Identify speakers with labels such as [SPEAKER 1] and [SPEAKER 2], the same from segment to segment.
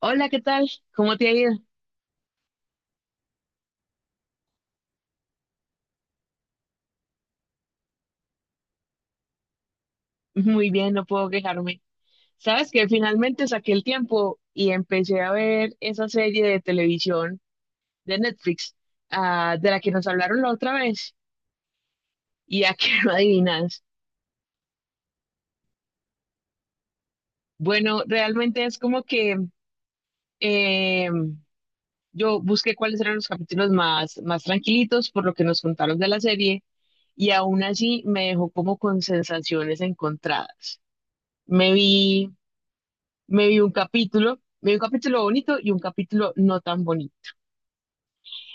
[SPEAKER 1] Hola, ¿qué tal? ¿Cómo te ha ido? Muy bien, no puedo quejarme. Sabes que finalmente saqué el tiempo y empecé a ver esa serie de televisión de Netflix, ah, de la que nos hablaron la otra vez y a que no adivinas. Bueno, realmente es como que eh, yo busqué cuáles eran los capítulos más tranquilitos por lo que nos contaron de la serie y aún así me dejó como con sensaciones encontradas. Me vi Me vi un capítulo, me vi un capítulo bonito y un capítulo no tan bonito.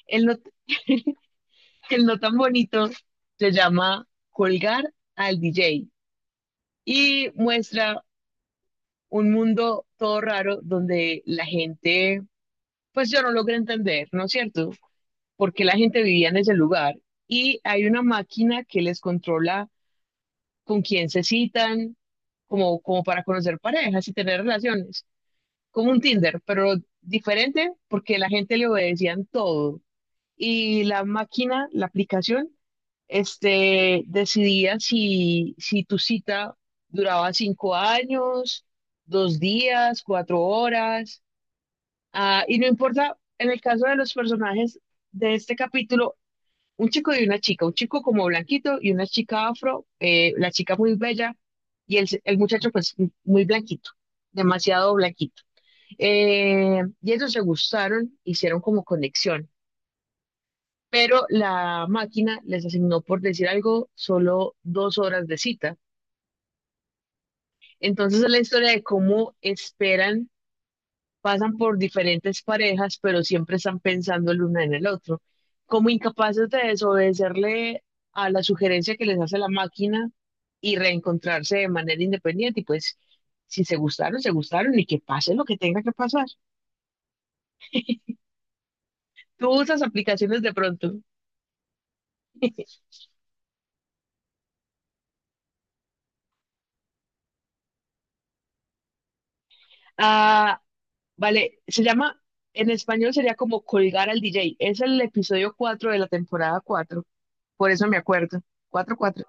[SPEAKER 1] El no, El no tan bonito se llama Colgar al DJ y muestra un mundo todo raro donde la gente, pues yo no logré entender, ¿no es cierto? Porque la gente vivía en ese lugar y hay una máquina que les controla con quién se citan, como para conocer parejas y tener relaciones, como un Tinder, pero diferente porque la gente le obedecían todo. Y la máquina, la aplicación, decidía si tu cita duraba 5 años, 2 días, 4 horas, ah, y no importa, en el caso de los personajes de este capítulo, un chico y una chica, un chico como blanquito y una chica afro, la chica muy bella y el muchacho pues muy blanquito, demasiado blanquito. Y ellos se gustaron, hicieron como conexión pero la máquina les asignó, por decir algo, solo 2 horas de cita. Entonces es la historia de cómo esperan, pasan por diferentes parejas, pero siempre están pensando el uno en el otro, como incapaces de desobedecerle a la sugerencia que les hace la máquina y reencontrarse de manera independiente y pues si se gustaron, se gustaron y que pase lo que tenga que pasar. ¿Tú usas aplicaciones de pronto? Ah, vale, se llama, en español sería como colgar al DJ. Es el episodio 4 de la temporada cuatro, por eso me acuerdo. Cuatro, cuatro.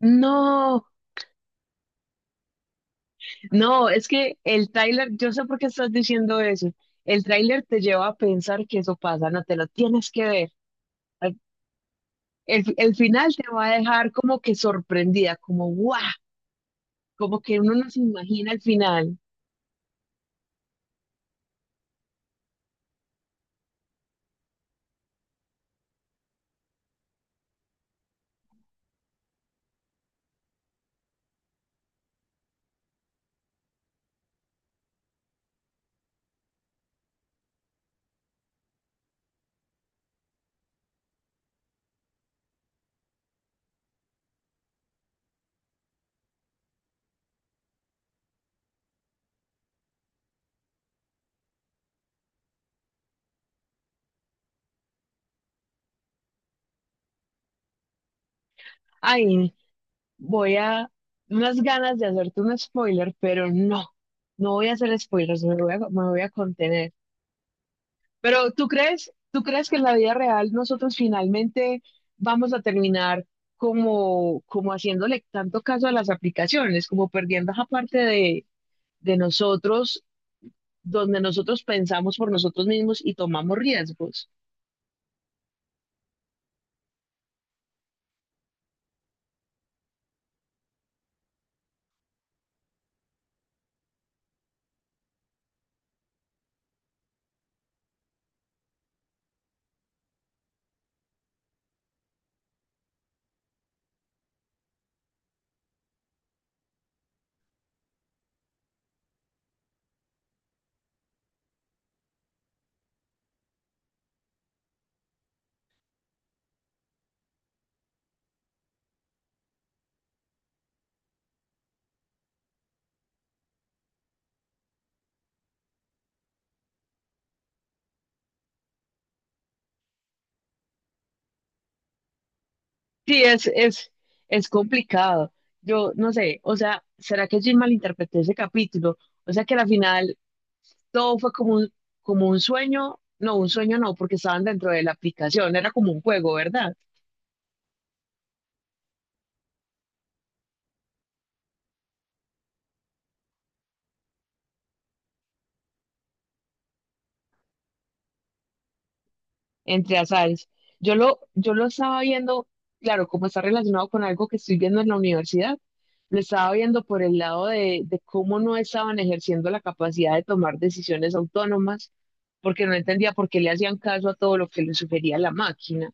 [SPEAKER 1] No, no, es que el tráiler, yo sé por qué estás diciendo eso. El tráiler te lleva a pensar que eso pasa, no te lo tienes que ver. Al- el final te va a dejar como que sorprendida, como guau, como que uno no se imagina el final. Ay, no. Voy a unas ganas de hacerte un spoiler, pero no, no voy a hacer spoilers, me voy a contener. Pero ¿Tú crees que en la vida real nosotros finalmente vamos a terminar como, como haciéndole tanto caso a las aplicaciones, como perdiendo esa parte de nosotros, donde nosotros pensamos por nosotros mismos y tomamos riesgos? Sí, es complicado. Yo no sé, o sea, ¿será que Jim malinterpretó ese capítulo? O sea que al final todo fue como un sueño no, porque estaban dentro de la aplicación, era como un juego, ¿verdad? Entre azares. Yo lo estaba viendo, claro, como está relacionado con algo que estoy viendo en la universidad, lo estaba viendo por el lado de cómo no estaban ejerciendo la capacidad de tomar decisiones autónomas, porque no entendía por qué le hacían caso a todo lo que les sugería la máquina.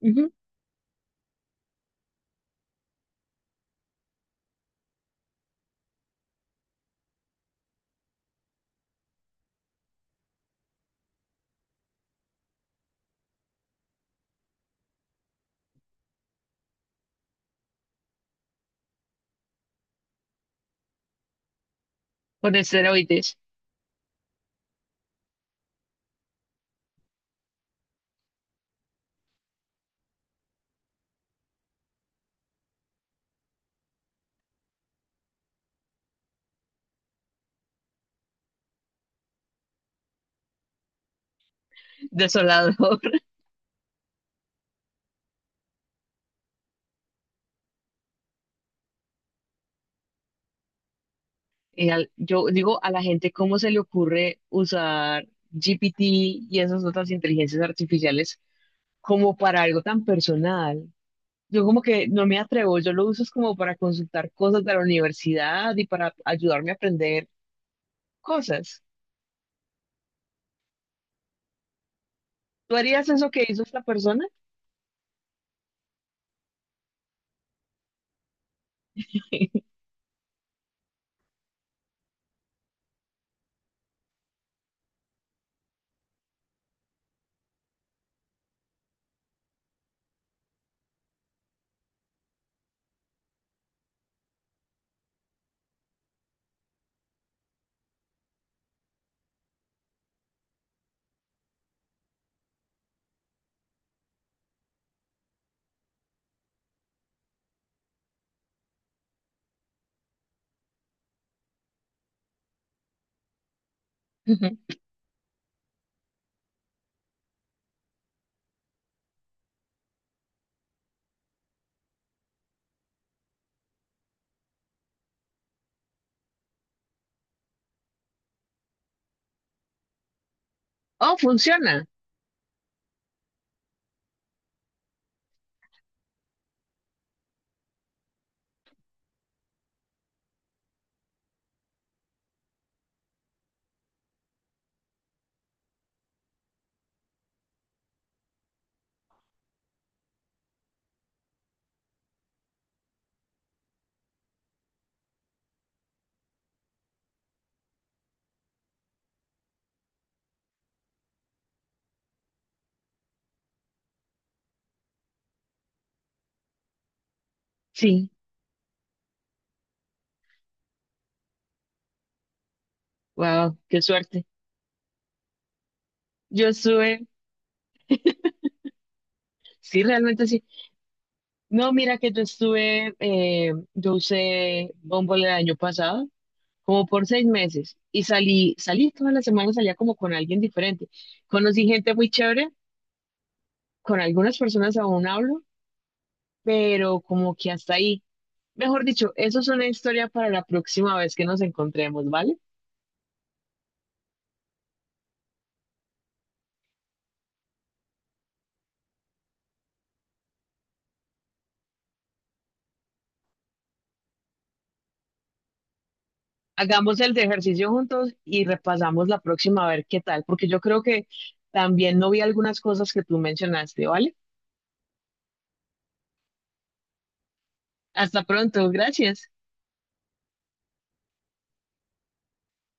[SPEAKER 1] Ujú. Con esteroides, desolador. Yo digo, a la gente cómo se le ocurre usar GPT y esas otras inteligencias artificiales como para algo tan personal. Yo como que no me atrevo, yo lo uso es como para consultar cosas de la universidad y para ayudarme a aprender cosas. ¿Tú harías eso que hizo esta persona? Ujú. Oh, funciona. Sí, wow, qué suerte. Yo estuve, sí, realmente sí. No, mira que yo estuve, yo usé Bumble el año pasado como por 6 meses y salí todas las semanas, salía como con alguien diferente. Conocí gente muy chévere, con algunas personas aún hablo, pero como que hasta ahí. Mejor dicho, eso es una historia para la próxima vez que nos encontremos, ¿vale? Hagamos el de ejercicio juntos y repasamos la próxima a ver qué tal, porque yo creo que también no vi algunas cosas que tú mencionaste, ¿vale? Hasta pronto, gracias.